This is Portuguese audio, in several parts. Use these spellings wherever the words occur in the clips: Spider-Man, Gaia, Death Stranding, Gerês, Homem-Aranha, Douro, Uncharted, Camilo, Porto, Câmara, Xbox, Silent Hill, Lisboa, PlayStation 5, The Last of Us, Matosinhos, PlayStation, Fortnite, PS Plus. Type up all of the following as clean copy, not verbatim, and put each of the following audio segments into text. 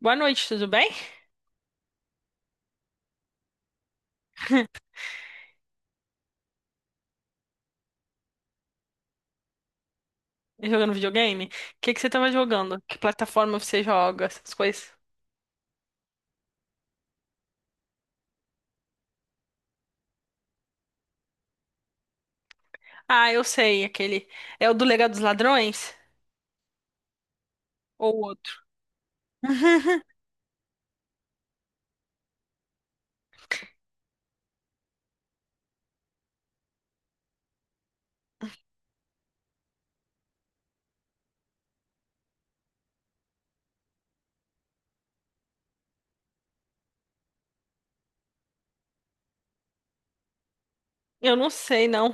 Boa noite, tudo bem? Jogando videogame? O que que você tava jogando? Que plataforma você joga? Essas coisas. Ah, eu sei, aquele. É o do Legado dos Ladrões? Ou outro? Eu não sei, não.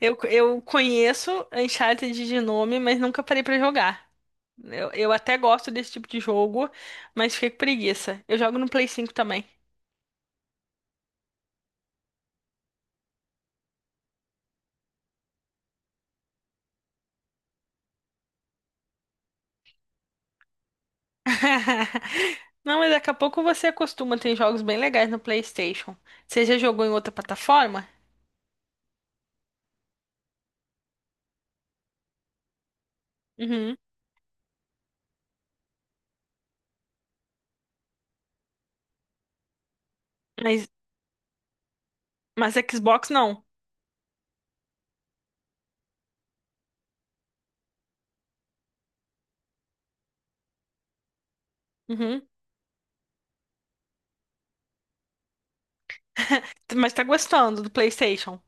Eu conheço Uncharted de nome, mas nunca parei pra jogar. Eu até gosto desse tipo de jogo, mas fiquei com preguiça. Eu jogo no Play 5 também. Não, mas daqui a pouco você acostuma. Tem jogos bem legais no PlayStation. Você já jogou em outra plataforma? Uhum. Mas Mas Xbox não. Uhum. Mas tá gostando do PlayStation.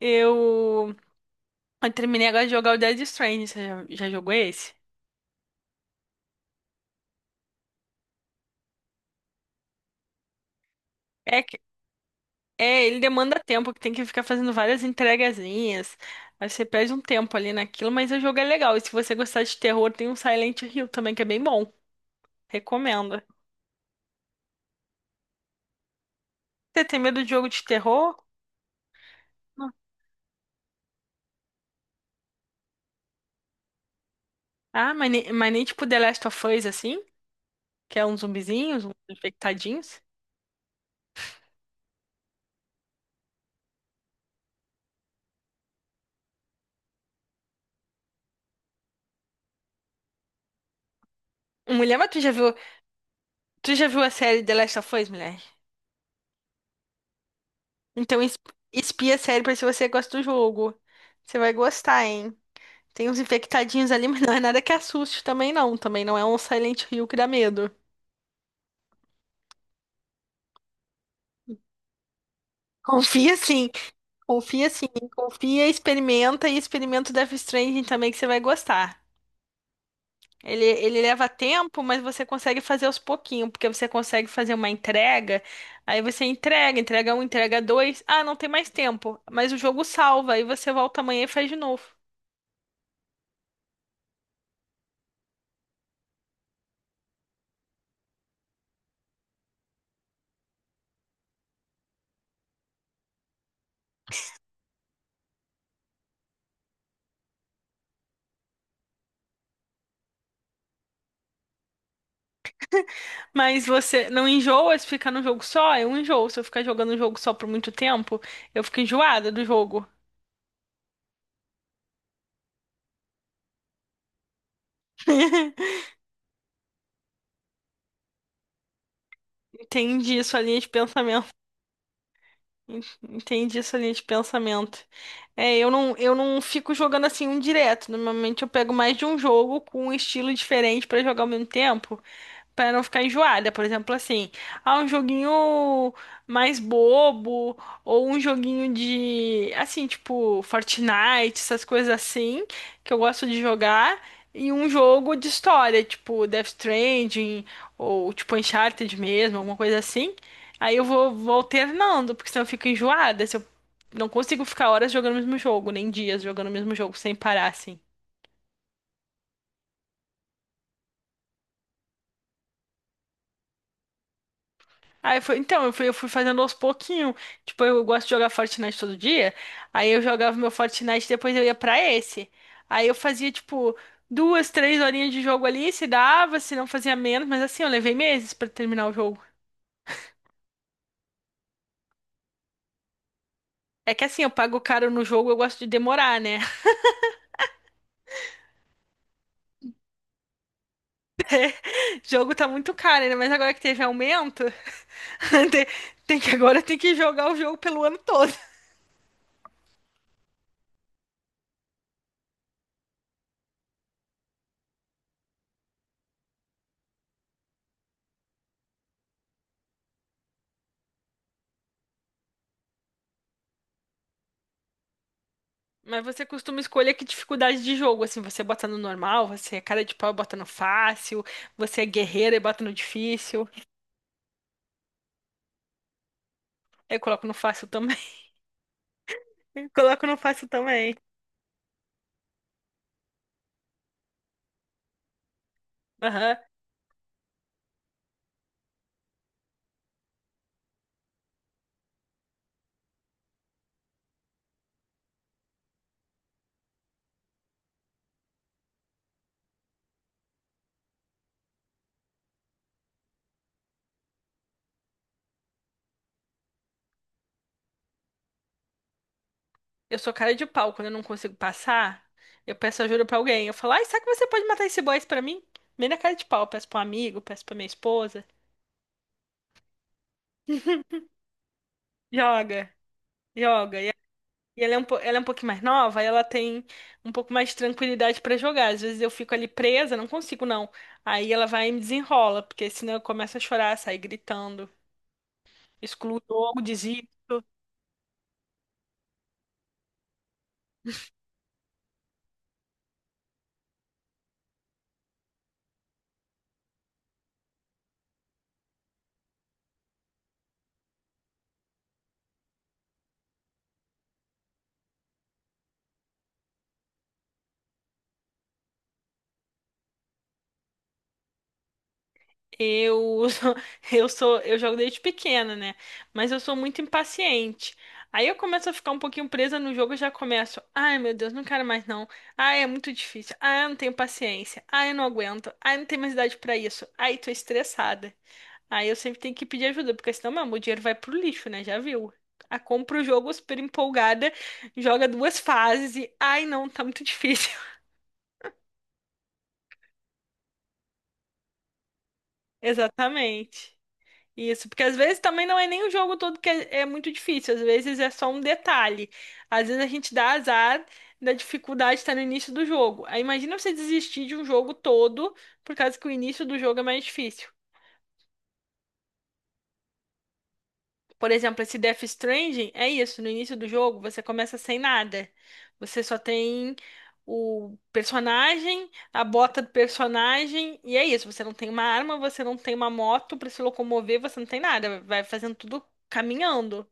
Eu, eu terminei agora de jogar o Dead Stranding. Você já jogou esse? É, que- é, ele demanda tempo, que tem que ficar fazendo várias entregazinhas. Aí você perde um tempo ali naquilo, mas o jogo é legal. E se você gostar de terror, tem um Silent Hill também, que é bem bom. Recomendo. Você tem medo de jogo de terror? Não. Ah, mas, mas nem tipo The Last of Us, assim? Que é uns zumbizinhos, uns infectadinhos. Mulher, mas tu já viu a série The Last of Us, mulher? Então, espia a série pra ver se você gosta do jogo. Você vai gostar, hein? Tem uns infectadinhos ali, mas não é nada que assuste também, não. Também não é um Silent Hill que dá medo. Confia sim, confia, sim, experimenta e experimenta o Death Stranding também que você vai gostar. Ele leva tempo, mas você consegue fazer aos pouquinhos, porque você consegue fazer uma entrega, aí você entrega, entrega um, entrega dois. Ah, não tem mais tempo, mas o jogo salva, aí você volta amanhã e faz de novo. Mas você não enjoa se ficar num jogo só? Eu enjoo. Se eu ficar jogando um jogo só por muito tempo, eu fico enjoada do jogo. Entendi sua linha de pensamento. En- Entendi sua linha de pensamento. É, eu não fico jogando assim um direto. Normalmente eu pego mais de um jogo com um estilo diferente pra jogar ao mesmo tempo, para não ficar enjoada. Por exemplo, assim, ah, um joguinho mais bobo, ou um joguinho de, assim, tipo, Fortnite, essas coisas assim, que eu gosto de jogar, e um jogo de história, tipo Death Stranding, ou tipo Uncharted mesmo, alguma coisa assim. Aí eu vou alternando, porque senão eu fico enjoada, se eu não consigo ficar horas jogando o mesmo jogo, nem dias jogando o mesmo jogo, sem parar, assim. Aí foi, então, eu fui fazendo aos pouquinho. Tipo, eu gosto de jogar Fortnite todo dia. Aí eu jogava meu Fortnite, depois eu ia pra esse. Aí eu fazia, tipo, duas, três horinhas de jogo ali, se dava, se não fazia menos, mas assim, eu levei meses pra terminar o jogo. É que assim, eu pago caro no jogo, eu gosto de demorar, né? Jogo tá muito caro, né? Mas agora que teve aumento, tem tem que agora tem que jogar o jogo pelo ano todo. Mas você costuma escolher que dificuldade de jogo? Assim, você bota no normal, você é cara de pau e bota no fácil, você é guerreira e bota no difícil. Eu coloco no fácil também. Eu coloco no fácil também. Aham. Eu sou cara de pau, quando eu não consigo passar, eu peço ajuda pra alguém. Eu falo, ai, será que você pode matar esse boss pra mim? Bem na cara de pau, eu peço pra um amigo, peço pra minha esposa. Joga, joga. E ela é ela é um pouquinho mais nova, aí ela tem um pouco mais de tranquilidade pra jogar. Às vezes eu fico ali presa, não consigo, não. Aí ela vai e me desenrola, porque senão eu começo a chorar, sair gritando, excluo o jogo. Eu, eu jogo desde pequena, né? Mas eu sou muito impaciente. Aí eu começo a ficar um pouquinho presa no jogo, e já começo. Ai, meu Deus, não quero mais, não. Ai, é muito difícil. Ai, eu não tenho paciência. Ai, eu não aguento. Ai, não tenho mais idade pra isso. Ai, tô estressada. Aí eu sempre tenho que pedir ajuda, porque senão, meu, o dinheiro vai pro lixo, né? Já viu? A compra o jogo super empolgada, joga duas fases e ai, não, tá muito difícil. Exatamente. Isso, porque às vezes também não é nem o jogo todo que é, é muito difícil, às vezes é só um detalhe. Às vezes a gente dá azar da dificuldade estar no início do jogo. Aí imagina você desistir de um jogo todo por causa que o início do jogo é mais difícil. Por exemplo, esse Death Stranding é isso, no início do jogo você começa sem nada. Você só tem o personagem, a bota do personagem, e é isso, você não tem uma arma, você não tem uma moto pra se locomover, você não tem nada, vai fazendo tudo caminhando.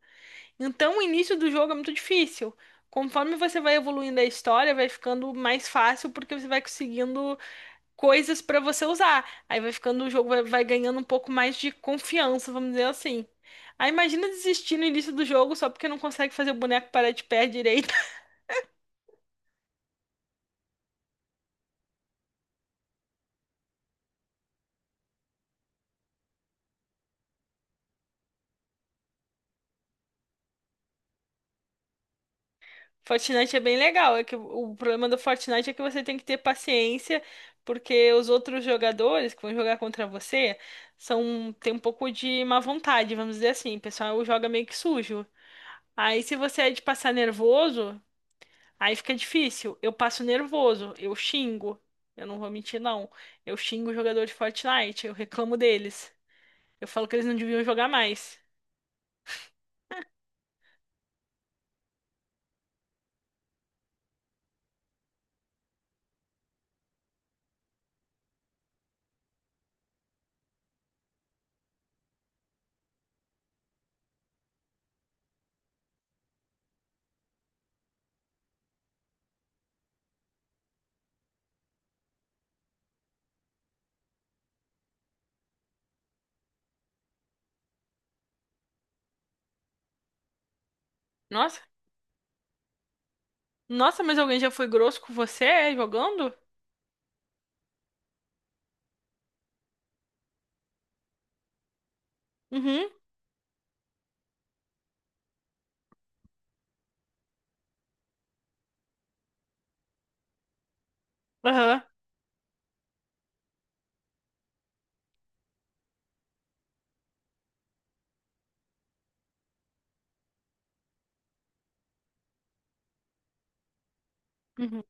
Então, o início do jogo é muito difícil. Conforme você vai evoluindo a história, vai ficando mais fácil porque você vai conseguindo coisas pra você usar. Aí vai ficando, o jogo vai ganhando um pouco mais de confiança, vamos dizer assim. Aí imagina desistir no início do jogo só porque não consegue fazer o boneco parar de pé direito. Fortnite é bem legal, é que o problema do Fortnite é que você tem que ter paciência porque os outros jogadores que vão jogar contra você são, tem um pouco de má vontade, vamos dizer assim. O pessoal joga meio que sujo. Aí, se você é de passar nervoso, aí fica difícil. Eu passo nervoso, eu xingo. Eu não vou mentir, não. Eu xingo o jogador de Fortnite, eu reclamo deles. Eu falo que eles não deviam jogar mais. Nossa, nossa, mas alguém já foi grosso com você, é, jogando? Uhum, aham. Uhum.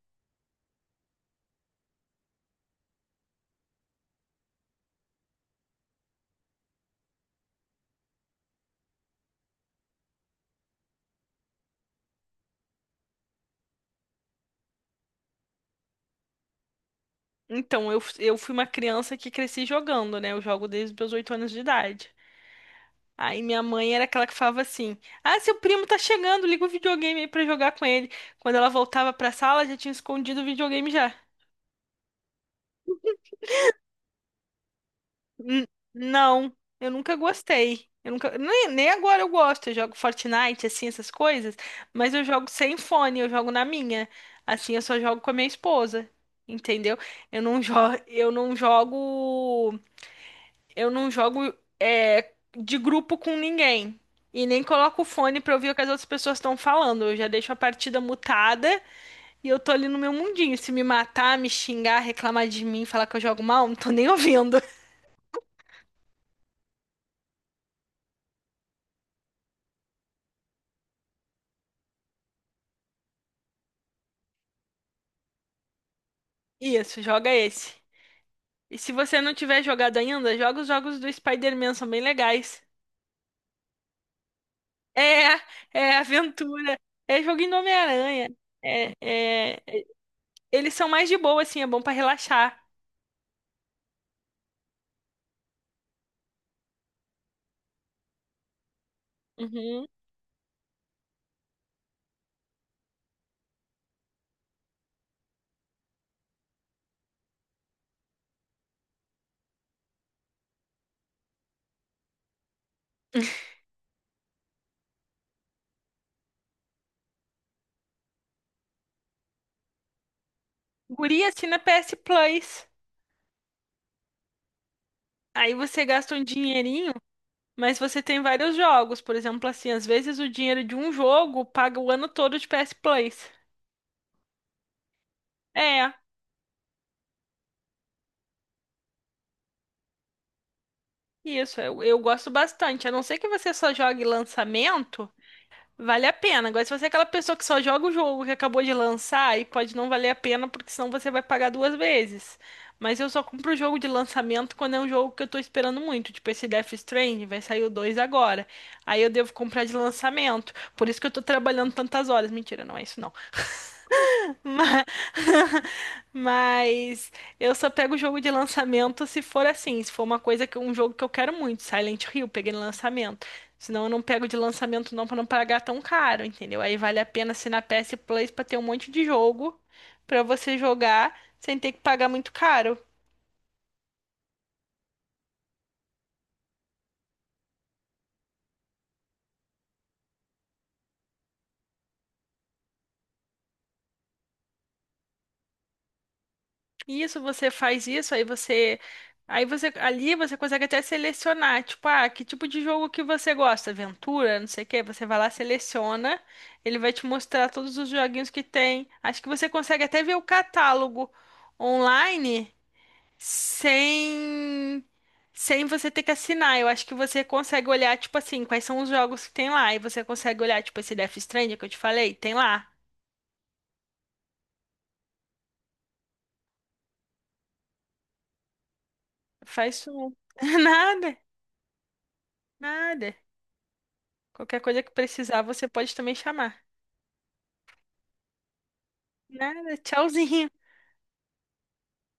Então, eu fui uma criança que cresci jogando, né? Eu jogo desde os meus 8 anos de idade. Aí minha mãe era aquela que falava assim: ah, seu primo tá chegando, liga o videogame aí pra jogar com ele. Quando ela voltava pra sala, já tinha escondido o videogame já. N- não, eu nunca gostei. Eu nunca, nem agora eu gosto. Eu jogo Fortnite, assim, essas coisas, mas eu jogo sem fone, eu jogo na minha. Assim, eu só jogo com a minha esposa, entendeu? Eu não, jo eu não jogo. Eu não jogo. É, de grupo com ninguém. E nem coloco o fone pra ouvir o que as outras pessoas estão falando. Eu já deixo a partida mutada e eu tô ali no meu mundinho. Se me matar, me xingar, reclamar de mim, falar que eu jogo mal, não tô nem ouvindo. Isso, joga esse. E se você não tiver jogado ainda, joga os jogos do Spider-Man, são bem legais. É, é aventura. É joguinho do Homem-Aranha. É, é. Eles são mais de boa, assim, é bom pra relaxar. Uhum. Guri assina PS Plus. Aí você gasta um dinheirinho, mas você tem vários jogos. Por exemplo, assim, às vezes o dinheiro de um jogo paga o ano todo de PS Plus. É, isso, eu gosto bastante. A não ser que você só jogue lançamento. Vale a pena. Agora, se você é aquela pessoa que só joga o jogo que acabou de lançar, aí pode não valer a pena, porque senão você vai pagar duas vezes. Mas eu só compro o jogo de lançamento quando é um jogo que eu tô esperando muito. Tipo, esse Death Stranding, vai sair o 2 agora. Aí eu devo comprar de lançamento. Por isso que eu tô trabalhando tantas horas. Mentira, não é isso, não. Ma- Mas eu só pego o jogo de lançamento se for assim, se for uma coisa, que um jogo que eu quero muito, Silent Hill, peguei no lançamento. Senão eu não pego de lançamento, não, para não pagar tão caro, entendeu? Aí vale a pena assinar PS Plus para ter um monte de jogo para você jogar sem ter que pagar muito caro. Isso, você faz isso, aí você. Aí você. Ali você consegue até selecionar, tipo, ah, que tipo de jogo que você gosta? Aventura, não sei o quê. Você vai lá, seleciona, ele vai te mostrar todos os joguinhos que tem. Acho que você consegue até ver o catálogo online sem. Sem você ter que assinar, eu acho que você consegue olhar, tipo assim, quais são os jogos que tem lá. E você consegue olhar, tipo, esse Death Stranding que eu te falei, tem lá. Faz um nada, nada. Qualquer coisa que precisar, você pode também chamar. Nada, tchauzinho.